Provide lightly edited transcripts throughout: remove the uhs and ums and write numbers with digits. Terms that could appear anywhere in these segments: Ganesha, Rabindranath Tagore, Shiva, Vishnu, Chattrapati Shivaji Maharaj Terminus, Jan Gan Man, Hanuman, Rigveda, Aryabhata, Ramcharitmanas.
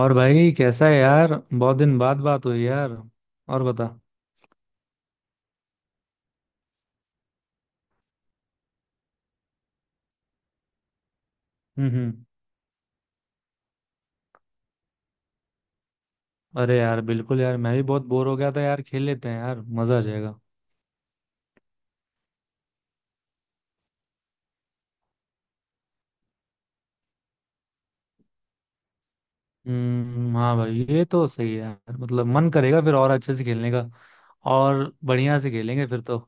और भाई कैसा है यार, बहुत दिन बाद बात हुई यार। और बता। हम्म। हम्म। अरे यार बिल्कुल यार, मैं भी बहुत बोर हो गया था यार, खेल लेते हैं यार, मजा आ जाएगा। हम्म, हाँ भाई ये तो सही है यार, मतलब मन करेगा फिर और अच्छे से खेलने का। और बढ़िया से खेलेंगे फिर तो।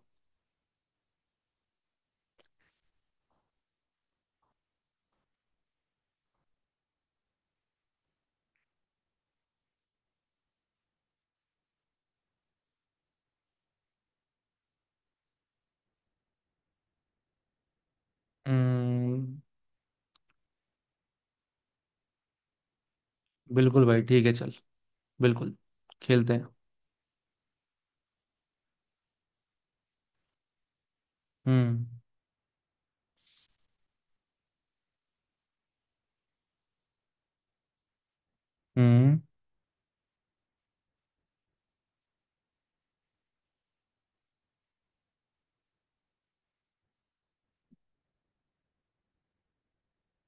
हम्म। बिल्कुल भाई, ठीक है, चल। बिल्कुल। खेलते हैं। हम्म। हम्म।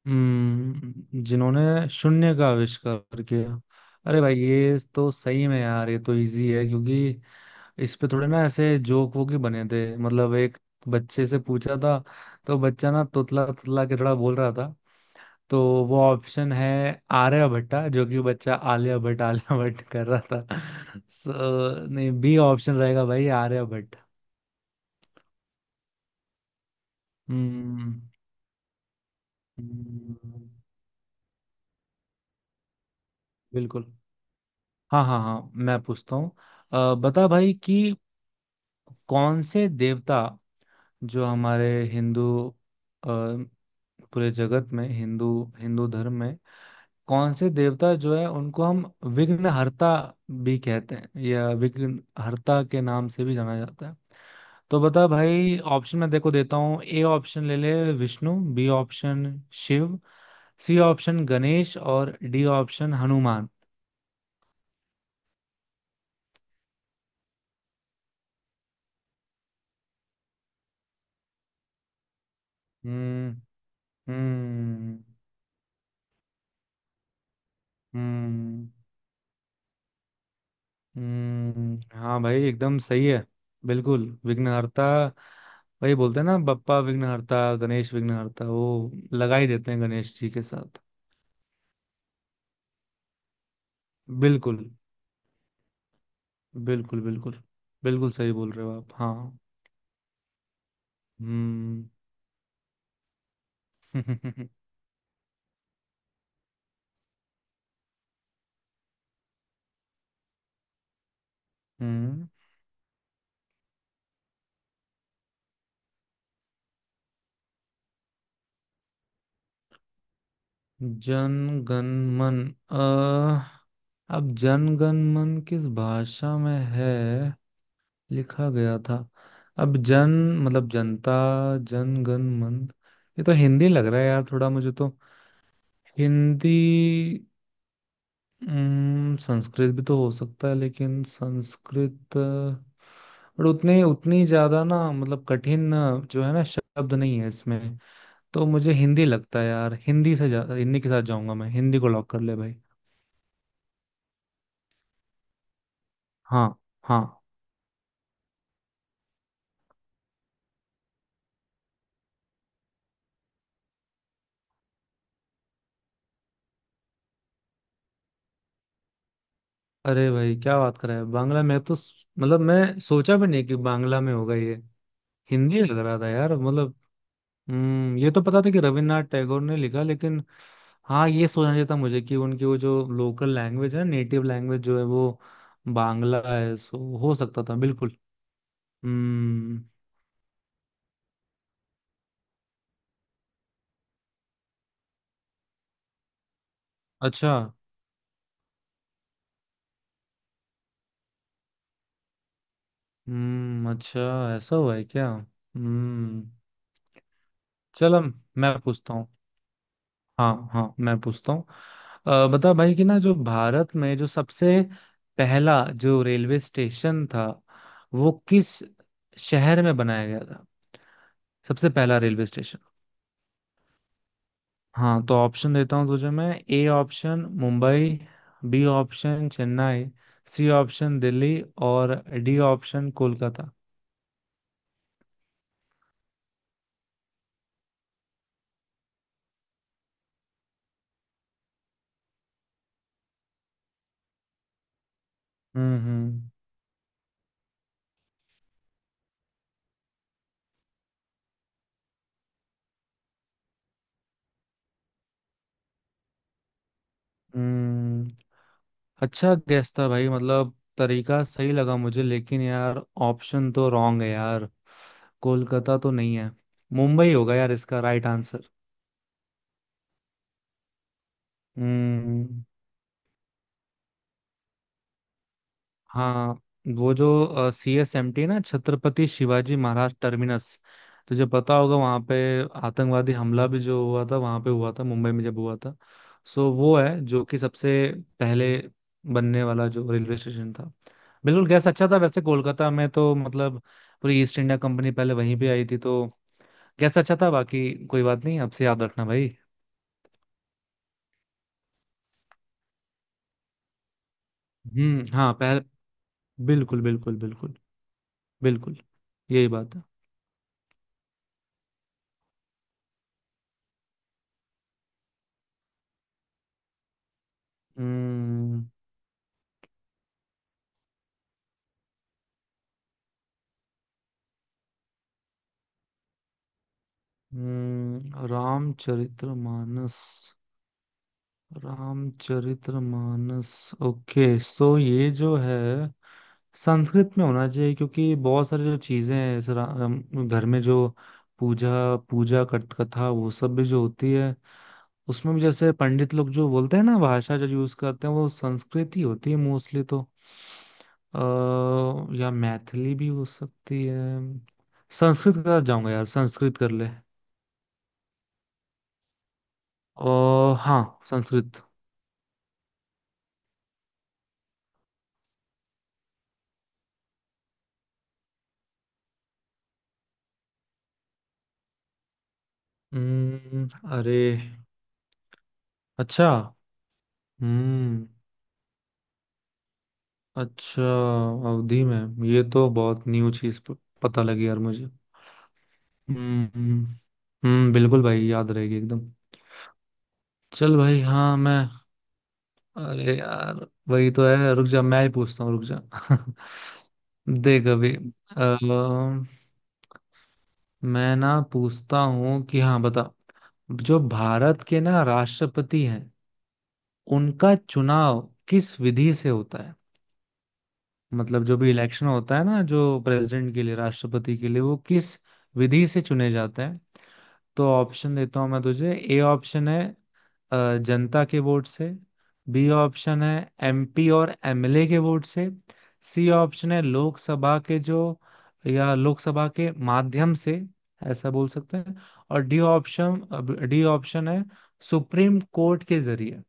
जिन्होंने शून्य का आविष्कार किया। अरे भाई ये तो सही में यार, ये तो इजी है, क्योंकि इस पे थोड़े ना ऐसे जोक वोक ही बने थे, मतलब एक बच्चे से पूछा था, तो बच्चा ना तुतला तुतला के थोड़ा बोल रहा था। तो वो ऑप्शन है आर्यभट्टा, जो कि बच्चा आलिया भट्ट आलिया भट्ट कर रहा था। सो नहीं, बी ऑप्शन रहेगा भाई, आर्यभट्ट। हम्म। हम्म। बिल्कुल। हाँ हाँ हाँ, मैं पूछता हूँ। बता भाई कि कौन से देवता जो हमारे हिंदू अ, पूरे जगत में, हिंदू हिंदू धर्म में, कौन से देवता जो है उनको हम विघ्नहर्ता भी कहते हैं, या विघ्नहर्ता के नाम से भी जाना जाता है। तो बता भाई, ऑप्शन में देखो देता हूँ। ए ऑप्शन ले ले Vishnu, B option Shiv, C option Ganesh, और डी ऑप्शन हनुमान। हम्म। हम्म। हम्म। हम्म, हाँ भाई एकदम सही है, बिल्कुल विघ्नहर्ता। वही बोलते हैं ना, बप्पा विघ्नहर्ता, गणेश विघ्नहर्ता, वो लगा ही देते हैं गणेश जी के साथ। बिल्कुल बिल्कुल बिल्कुल। बिल्कुल सही बोल रहे हो आप, हाँ। हम्म। हम्म जन गण मन। अ अब जन गण मन किस भाषा में है लिखा गया था। अब जन, मतलब जनता, जन गण मन, ये तो हिंदी लग रहा है यार थोड़ा मुझे तो। हिंदी। संस्कृत भी तो हो सकता है, लेकिन संस्कृत और उतने उतनी ज्यादा ना, मतलब कठिन जो है ना शब्द नहीं है इसमें। तो मुझे हिंदी लगता है यार, हिंदी से हिंदी के साथ जाऊंगा मैं, हिंदी को लॉक कर ले भाई। हाँ। हाँ। अरे भाई क्या बात कर रहा है, बांग्ला! मैं तो मतलब मैं सोचा भी नहीं कि बांग्ला में होगा ये। हिंदी लग रहा था यार, मतलब। हम्म, ये तो पता था कि रविन्द्रनाथ टैगोर ने लिखा, लेकिन हाँ ये सोचना चाहिए था मुझे कि उनकी वो जो लोकल लैंग्वेज है, नेटिव लैंग्वेज जो है, वो बांग्ला है, सो हो सकता था बिल्कुल। हम्म, अच्छा। हम्म, अच्छा, ऐसा हुआ है क्या। हम्म। चलो मैं पूछता हूँ। हाँ हाँ मैं पूछता हूँ। बता भाई कि ना, जो भारत में जो सबसे पहला जो रेलवे स्टेशन था वो किस शहर में बनाया गया था, सबसे पहला रेलवे स्टेशन। हाँ तो ऑप्शन देता हूँ तुझे मैं। A option Mumbai, B option Chennai, C option Delhi, और डी ऑप्शन कोलकाता। हम्म। हम्म। हम्म। अच्छा गेस था भाई, मतलब तरीका सही लगा मुझे, लेकिन यार ऑप्शन तो रॉन्ग है यार। कोलकाता तो नहीं है, मुंबई होगा यार इसका राइट आंसर। हम्म। हाँ वो जो सी एस एम टी ना, छत्रपति शिवाजी महाराज टर्मिनस, तुझे पता होगा, वहां पे आतंकवादी हमला भी जो हुआ था, वहां पे हुआ था मुंबई में जब हुआ था। सो वो है जो कि सबसे पहले बनने वाला जो रेलवे स्टेशन था। बिल्कुल गैस अच्छा था वैसे, कोलकाता में तो मतलब पूरी ईस्ट इंडिया कंपनी पहले वहीं पे आई थी तो। गैस अच्छा था बाकी, कोई बात नहीं, अब से याद रखना भाई। हम्म, हाँ पहले। बिल्कुल बिल्कुल बिल्कुल। बिल्कुल। यही बात है। हम्म। रामचरितमानस। रामचरितमानस। ओके, सो ये जो है संस्कृत में होना चाहिए, क्योंकि बहुत सारी जो चीजें हैं इस घर में जो पूजा पूजा कथा, वो सब भी जो होती है, उसमें भी जैसे पंडित लोग जो बोलते हैं ना, भाषा जो यूज करते हैं वो संस्कृत ही होती है मोस्टली तो। आ, या मैथिली भी हो सकती है। संस्कृत का जाऊंगा यार, संस्कृत कर ले। और हाँ संस्कृत। हम्म। अरे, अच्छा। हम्म, अच्छा, अवधि में, ये तो बहुत न्यू चीज पता लगी यार मुझे। हम्म। हम्म। बिल्कुल भाई याद रहेगी एकदम। चल भाई, हाँ मैं। अरे यार वही तो है, रुक जा, मैं ही पूछता हूँ, रुक जा देख अभी। अ, मैं ना पूछता हूँ कि, हाँ बता, जो भारत के ना राष्ट्रपति हैं उनका चुनाव किस विधि से होता है, मतलब जो भी इलेक्शन होता है ना जो प्रेसिडेंट के लिए, राष्ट्रपति के लिए, वो किस विधि से चुने जाते हैं। तो ऑप्शन देता हूं मैं तुझे। ए ऑप्शन है जनता के वोट से। बी ऑप्शन है एमपी और एमएलए के वोट से। सी ऑप्शन है लोकसभा के जो, या लोकसभा के माध्यम से, ऐसा बोल सकते हैं। और डी ऑप्शन है सुप्रीम कोर्ट के जरिए।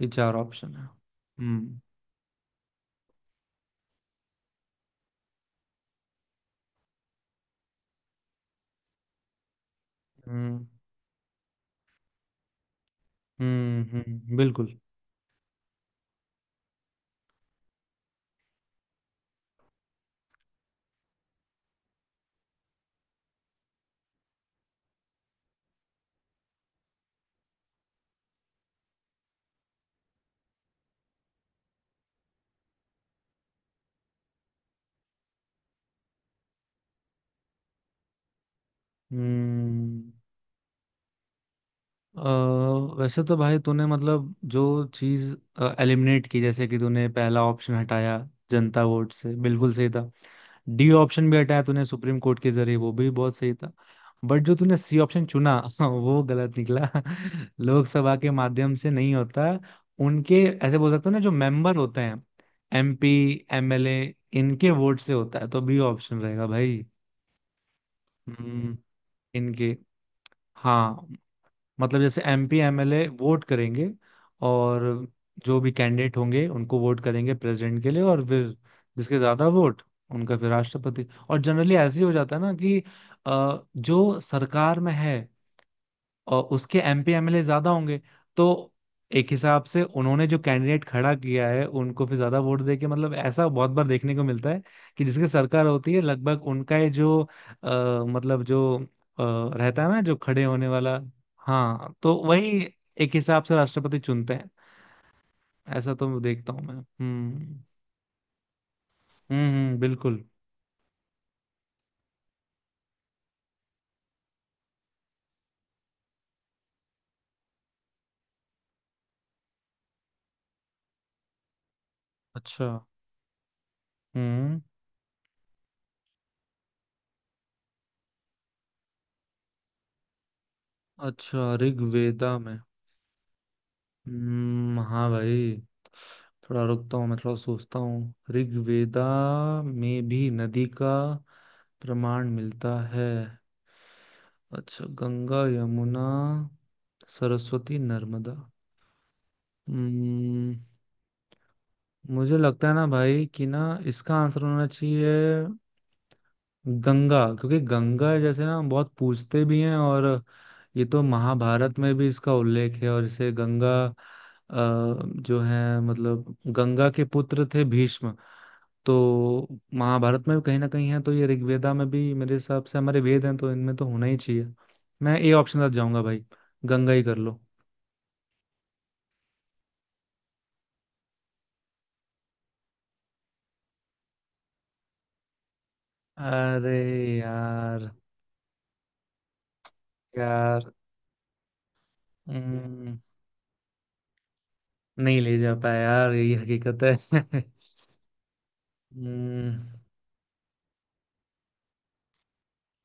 ये चार ऑप्शन है। हम्म। हम्म। हम्म। बिल्कुल। हम्म। अ, वैसे तो भाई तूने मतलब जो चीज एलिमिनेट की, जैसे कि तूने पहला ऑप्शन हटाया जनता वोट से, बिल्कुल सही था। डी ऑप्शन भी हटाया तूने सुप्रीम कोर्ट के जरिए, वो भी बहुत सही था। बट जो तूने सी ऑप्शन चुना वो गलत निकला लोकसभा के माध्यम से नहीं होता। उनके, ऐसे बोल सकते हैं ना, जो मेंबर होते हैं, एमपी एमएलए, इनके वोट से होता है। तो बी ऑप्शन रहेगा भाई। हम्म। इनके। हाँ, मतलब जैसे एमपी एमएलए वोट करेंगे, और जो भी कैंडिडेट होंगे उनको वोट करेंगे प्रेसिडेंट के लिए, और फिर जिसके ज्यादा वोट उनका फिर राष्ट्रपति। और जनरली ऐसे ही हो जाता है ना कि जो सरकार में है और उसके एमपी एमएलए ज्यादा होंगे, तो एक हिसाब से उन्होंने जो कैंडिडेट खड़ा किया है उनको फिर ज्यादा वोट दे के, मतलब ऐसा बहुत बार देखने को मिलता है, कि जिसकी सरकार होती है लगभग उनका ये जो मतलब जो अ, रहता है ना जो खड़े होने वाला। हाँ तो वही, एक हिसाब से राष्ट्रपति चुनते हैं। ऐसा तो मैं देखता हूँ मैं। हम्म। हम्म। बिल्कुल। अच्छा। हम्म, अच्छा, ऋग्वेदा में। हाँ भाई, थोड़ा रुकता हूँ मैं, थोड़ा सोचता हूँ, ऋग्वेदा में भी नदी का प्रमाण मिलता है। अच्छा, गंगा यमुना सरस्वती नर्मदा। हम्म। मुझे लगता है ना भाई कि ना, इसका आंसर होना चाहिए गंगा, क्योंकि गंगा जैसे ना बहुत पूजते भी हैं, और ये तो महाभारत में भी इसका उल्लेख है, और इसे गंगा जो है, मतलब गंगा के पुत्र थे भीष्म, तो महाभारत में भी कहीं ना कहीं है, तो ये ऋग्वेदा में भी, मेरे हिसाब से हमारे वेद हैं तो इनमें तो होना ही चाहिए। मैं ए ऑप्शन साथ जाऊंगा भाई, गंगा ही कर लो। अरे यार। यार। हम्म, नहीं ले जा पाया यार, यही हकीकत है। हम्म,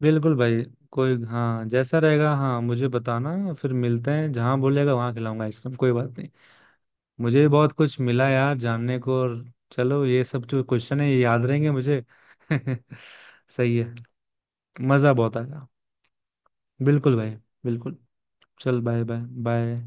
बिल्कुल भाई। कोई, हाँ जैसा रहेगा हाँ मुझे बताना, फिर मिलते हैं जहाँ बोलेगा वहां खिलाऊंगा आइसक्रीम, कोई बात नहीं। मुझे भी बहुत कुछ मिला यार जानने को, और चलो ये सब जो क्वेश्चन है ये याद रहेंगे मुझे। सही है। मजा बहुत आया। बिल्कुल भाई। बिल्कुल। चल बाय बाय। बाय।